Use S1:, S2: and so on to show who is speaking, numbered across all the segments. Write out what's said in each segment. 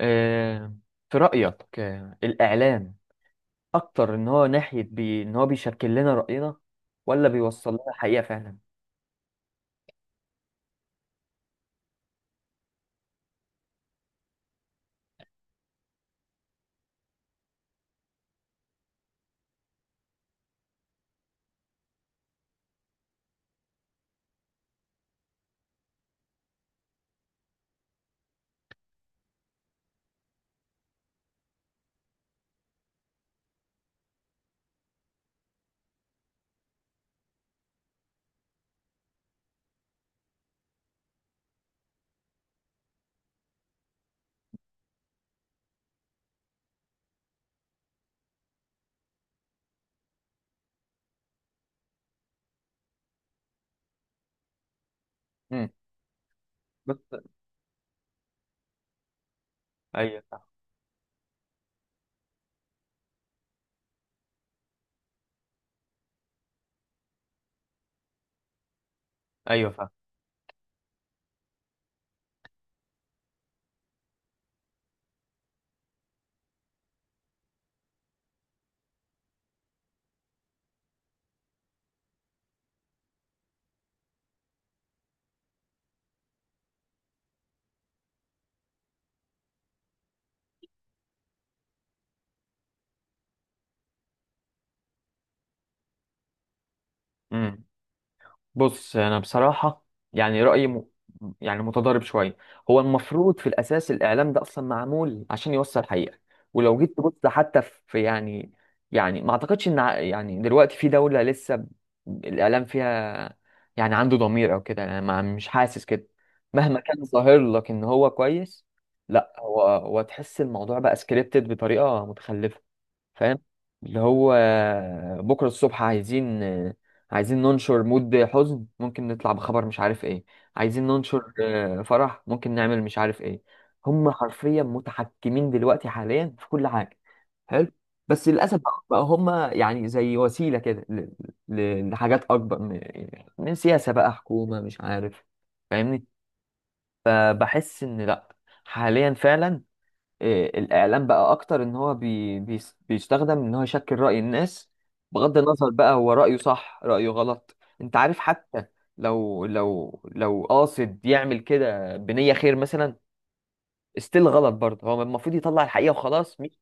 S1: آه، في رأيك، الإعلام أكتر إن هو ناحية إن هو بيشكل لنا رأينا ولا بيوصل لنا الحقيقة فعلا؟ مم. بس. أيوه، أيوه. فاهم. بص، انا بصراحه يعني رايي يعني متضارب شويه. هو المفروض في الاساس الاعلام ده اصلا معمول عشان يوصل حقيقه، ولو جيت تبص حتى في، يعني ما اعتقدش ان يعني دلوقتي في دوله لسه الاعلام فيها يعني عنده ضمير او كده. انا ما مش حاسس كده مهما كان ظاهر لك ان هو كويس. لا، هو تحس الموضوع بقى سكريبتد بطريقه متخلفه. فاهم؟ اللي هو بكرة الصبح عايزين، ننشر مود حزن، ممكن نطلع بخبر مش عارف ايه. عايزين ننشر فرح، ممكن نعمل مش عارف ايه. هم حرفيا متحكمين دلوقتي حاليا في كل حاجة. حلو. بس للأسف بقى هم يعني زي وسيلة كده، لحاجات أكبر من سياسة بقى حكومة مش عارف. فاهمني؟ فبحس إن لأ، حاليا فعلا، الإعلام بقى أكتر إن هو بي بي بيستخدم إن هو يشكل رأي الناس، بغض النظر بقى هو رأيه صح رأيه غلط، أنت عارف. حتى لو قاصد يعمل كده بنية خير مثلا، استيل غلط برضه. هو المفروض يطلع الحقيقة وخلاص، مش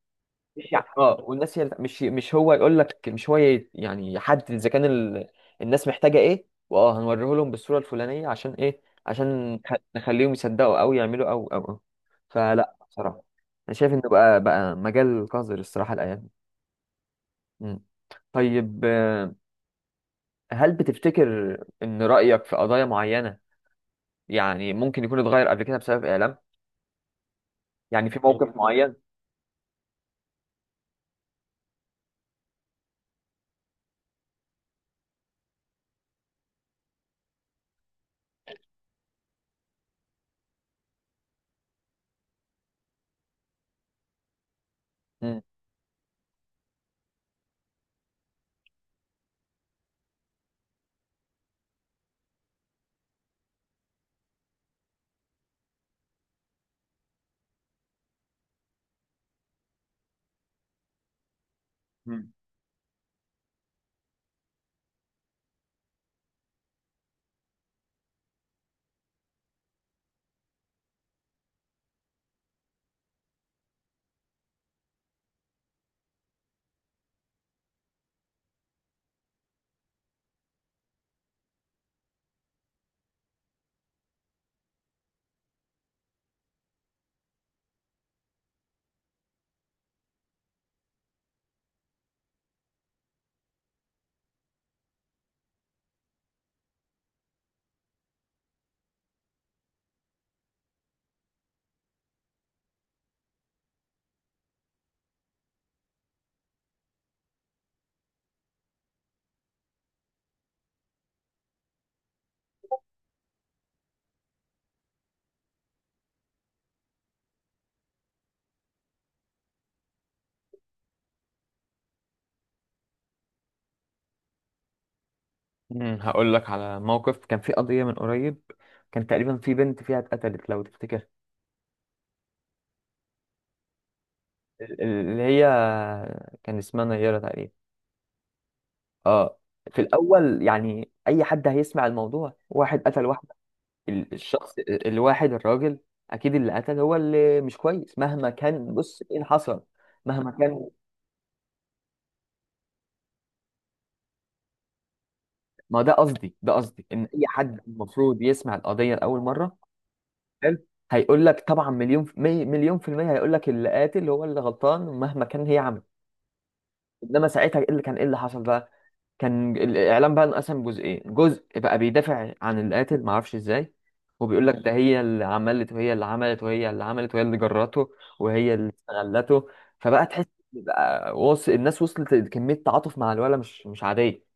S1: يعني والناس هي، مش هو يقول لك، مش هو يعني يحدد اذا كان الناس محتاجه ايه، واه هنوريه لهم بالصوره الفلانيه عشان ايه، عشان نخليهم يصدقوا او يعملوا. او او او فلا بصراحه، انا شايف انه بقى مجال قذر الصراحه الايام دي. مم. طيب، هل بتفتكر ان رايك في قضايا معينه يعني ممكن يكون اتغير قبل كده بسبب اعلام، يعني في موقف معين؟ مم. هقول لك على موقف. كان في قضية من قريب، كان تقريبا في بنت فيها اتقتلت، لو تفتكر. ال- ال- اللي هي كان اسمها نيرة تقريبا. اه. في الأول يعني أي حد هيسمع الموضوع، واحد قتل واحدة، الواحد الراجل، أكيد اللي قتل هو اللي مش كويس مهما كان. بص إيه اللي حصل. مهما كان، ما ده قصدي إن أي حد المفروض يسمع القضية لأول مرة. حلو؟ هيقول لك طبعا مليون في مليون في المية، هيقول لك اللي قاتل هو اللي غلطان مهما كان هي عملت. انما ساعتها، ايه اللي حصل بقى؟ كان الاعلام بقى انقسم جزئين، جزء بقى بيدافع عن القاتل، ما اعرفش ازاي، وبيقول لك ده هي اللي عملت، وهي اللي عملت، وهي اللي عملت، وهي اللي جرته، وهي اللي استغلته. فبقى تحس بقى الناس وصلت لكمية تعاطف مع الولا مش عادية.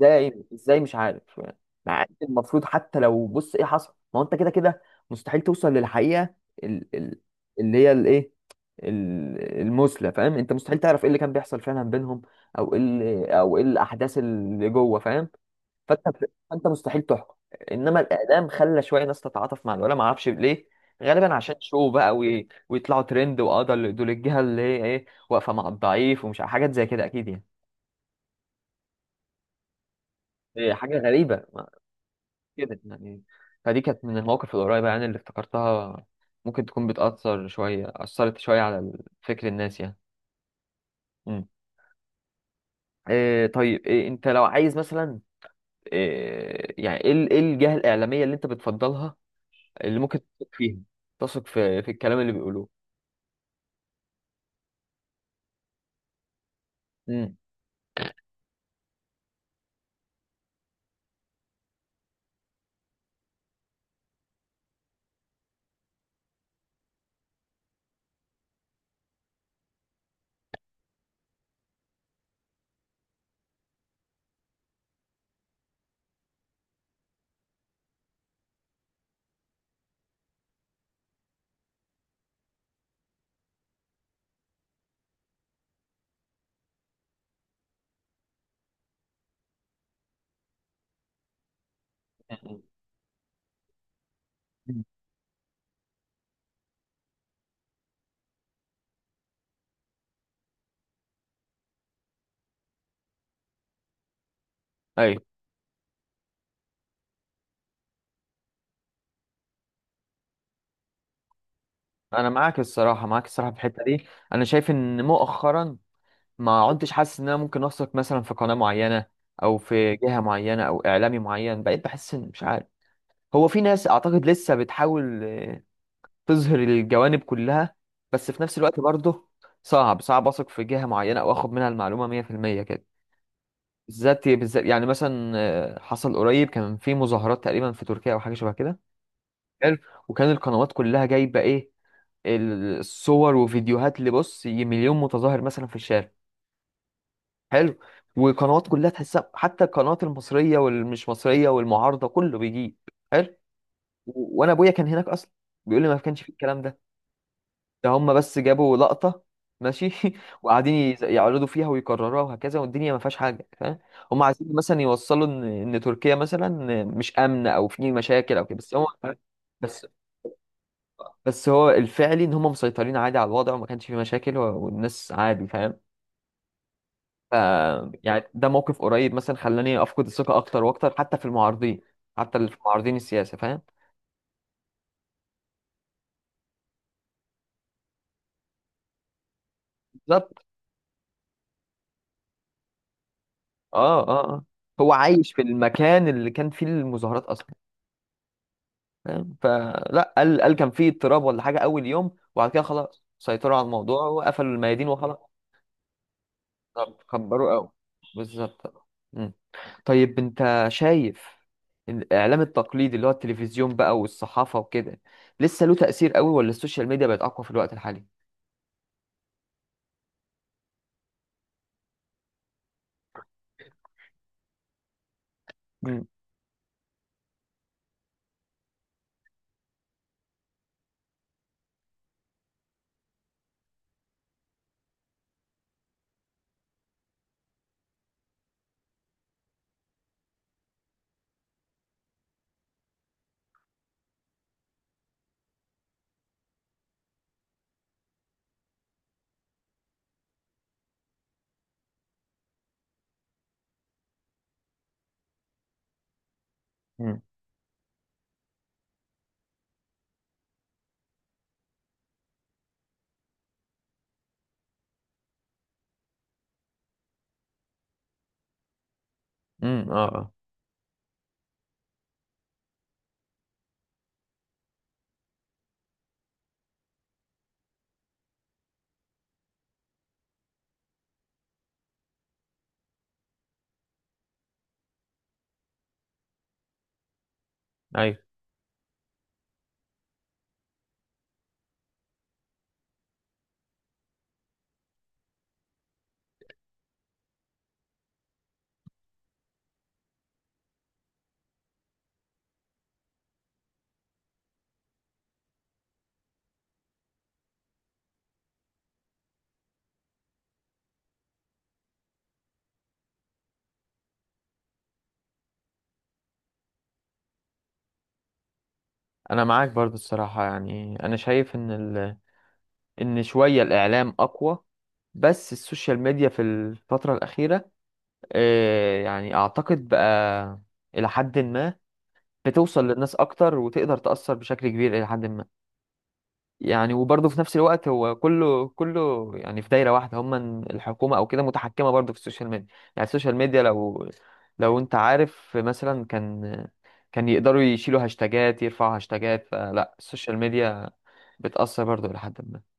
S1: ازاي يا عيني، ازاي؟ مش عارف يعني. مع إن المفروض حتى لو بص ايه حصل، ما هو انت كده كده مستحيل توصل للحقيقه، ال... ال... اللي هي الايه المثلى، فاهم؟ انت مستحيل تعرف ايه اللي كان بيحصل فعلا بينهم، او ايه الاحداث اللي جوه، فاهم؟ فانت، مستحيل تحكم. انما الاعلام خلى شويه ناس تتعاطف مع الولا، ما اعرفش ليه، غالبا عشان شو بقى ويطلعوا ترند، واه ده دول الجهه اللي هي ايه واقفه مع الضعيف ومش حاجات زي كده، اكيد يعني. حاجه غريبه كده يعني. فدي كانت من المواقف القريبة يعني اللي افتكرتها، ممكن تكون بتأثر شوية، أثرت شوية على فكر الناس يعني. مم. طيب، أنت لو عايز مثلا، إيه يعني إيه ال- إيه الجهة الإعلامية اللي أنت بتفضلها، اللي ممكن تثق فيها، تثق في الكلام اللي بيقولوه. مم. مم. مم. أيوه. أنا معاك الصراحة، في الحتة دي. أنا شايف إن مؤخرا ما عدتش حاسس إن أنا ممكن أثق مثلا في قناة معينة، أو في جهة معينة، أو إعلامي معين. بقيت بحس إن مش عارف. هو في ناس اعتقد لسه بتحاول، تظهر الجوانب كلها، بس في نفس الوقت برضه صعب اثق في جهة معينة او اخد منها المعلومة 100% كده، بالذات بالذات يعني مثلا. حصل قريب كان في مظاهرات تقريبا في تركيا او حاجة شبه كده. حلو. وكان القنوات كلها جايبة ايه، الصور وفيديوهات، اللي بص مليون متظاهر مثلا في الشارع. حلو. والقنوات كلها تحسها، حتى القنوات المصرية والمش مصرية والمعارضة، كله بيجيب. حلو. وانا ابويا كان هناك اصلا، بيقول لي ما كانش في الكلام ده. هم بس جابوا لقطة ماشي. وقاعدين يعرضوا فيها ويكرروها وهكذا، والدنيا ما فيهاش حاجة، فاهم؟ هم عايزين مثلا يوصلوا ان، تركيا مثلا مش آمنة او في مشاكل او كده، بس هم. بس بس هو الفعلي ان هم مسيطرين عادي على الوضع، وما كانش في مشاكل، والناس عادي، فاهم؟ ف يعني ده موقف قريب مثلا خلاني افقد الثقة اكتر واكتر، حتى في المعارضين، حتى اللي في معارضين السياسة، فاهم؟ بالظبط. اه، اه، آه. هو عايش في المكان اللي كان فيه المظاهرات اصلا، فاهم؟ فلا، قال كان في اضطراب ولا حاجه اول يوم، وبعد كده خلاص سيطروا على الموضوع وقفلوا الميادين وخلاص. طب كبروا قوي، بالظبط. مم. طيب، انت شايف إن الاعلام التقليدي اللي هو التلفزيون بقى والصحافه وكده لسه له تاثير قوي، ولا السوشيال ميديا بقت اقوى في الوقت الحالي؟ امم، امم، امم، اه، اه، ايوه. انا معاك برضو الصراحه، يعني انا شايف ان ان شويه الاعلام اقوى، بس السوشيال ميديا في الفتره الاخيره، يعني اعتقد بقى الى حد ما بتوصل للناس اكتر وتقدر تأثر بشكل كبير الى حد ما. يعني وبرضه في نفس الوقت هو كله كله يعني في دايرة واحدة، هم الحكومة او كده متحكمة برضه في السوشيال ميديا. يعني السوشيال ميديا لو، انت عارف مثلا، كان يقدروا يشيلوا هاشتاجات، يرفعوا هاشتاجات، فلا السوشيال ميديا بتأثر برضه الى حد ما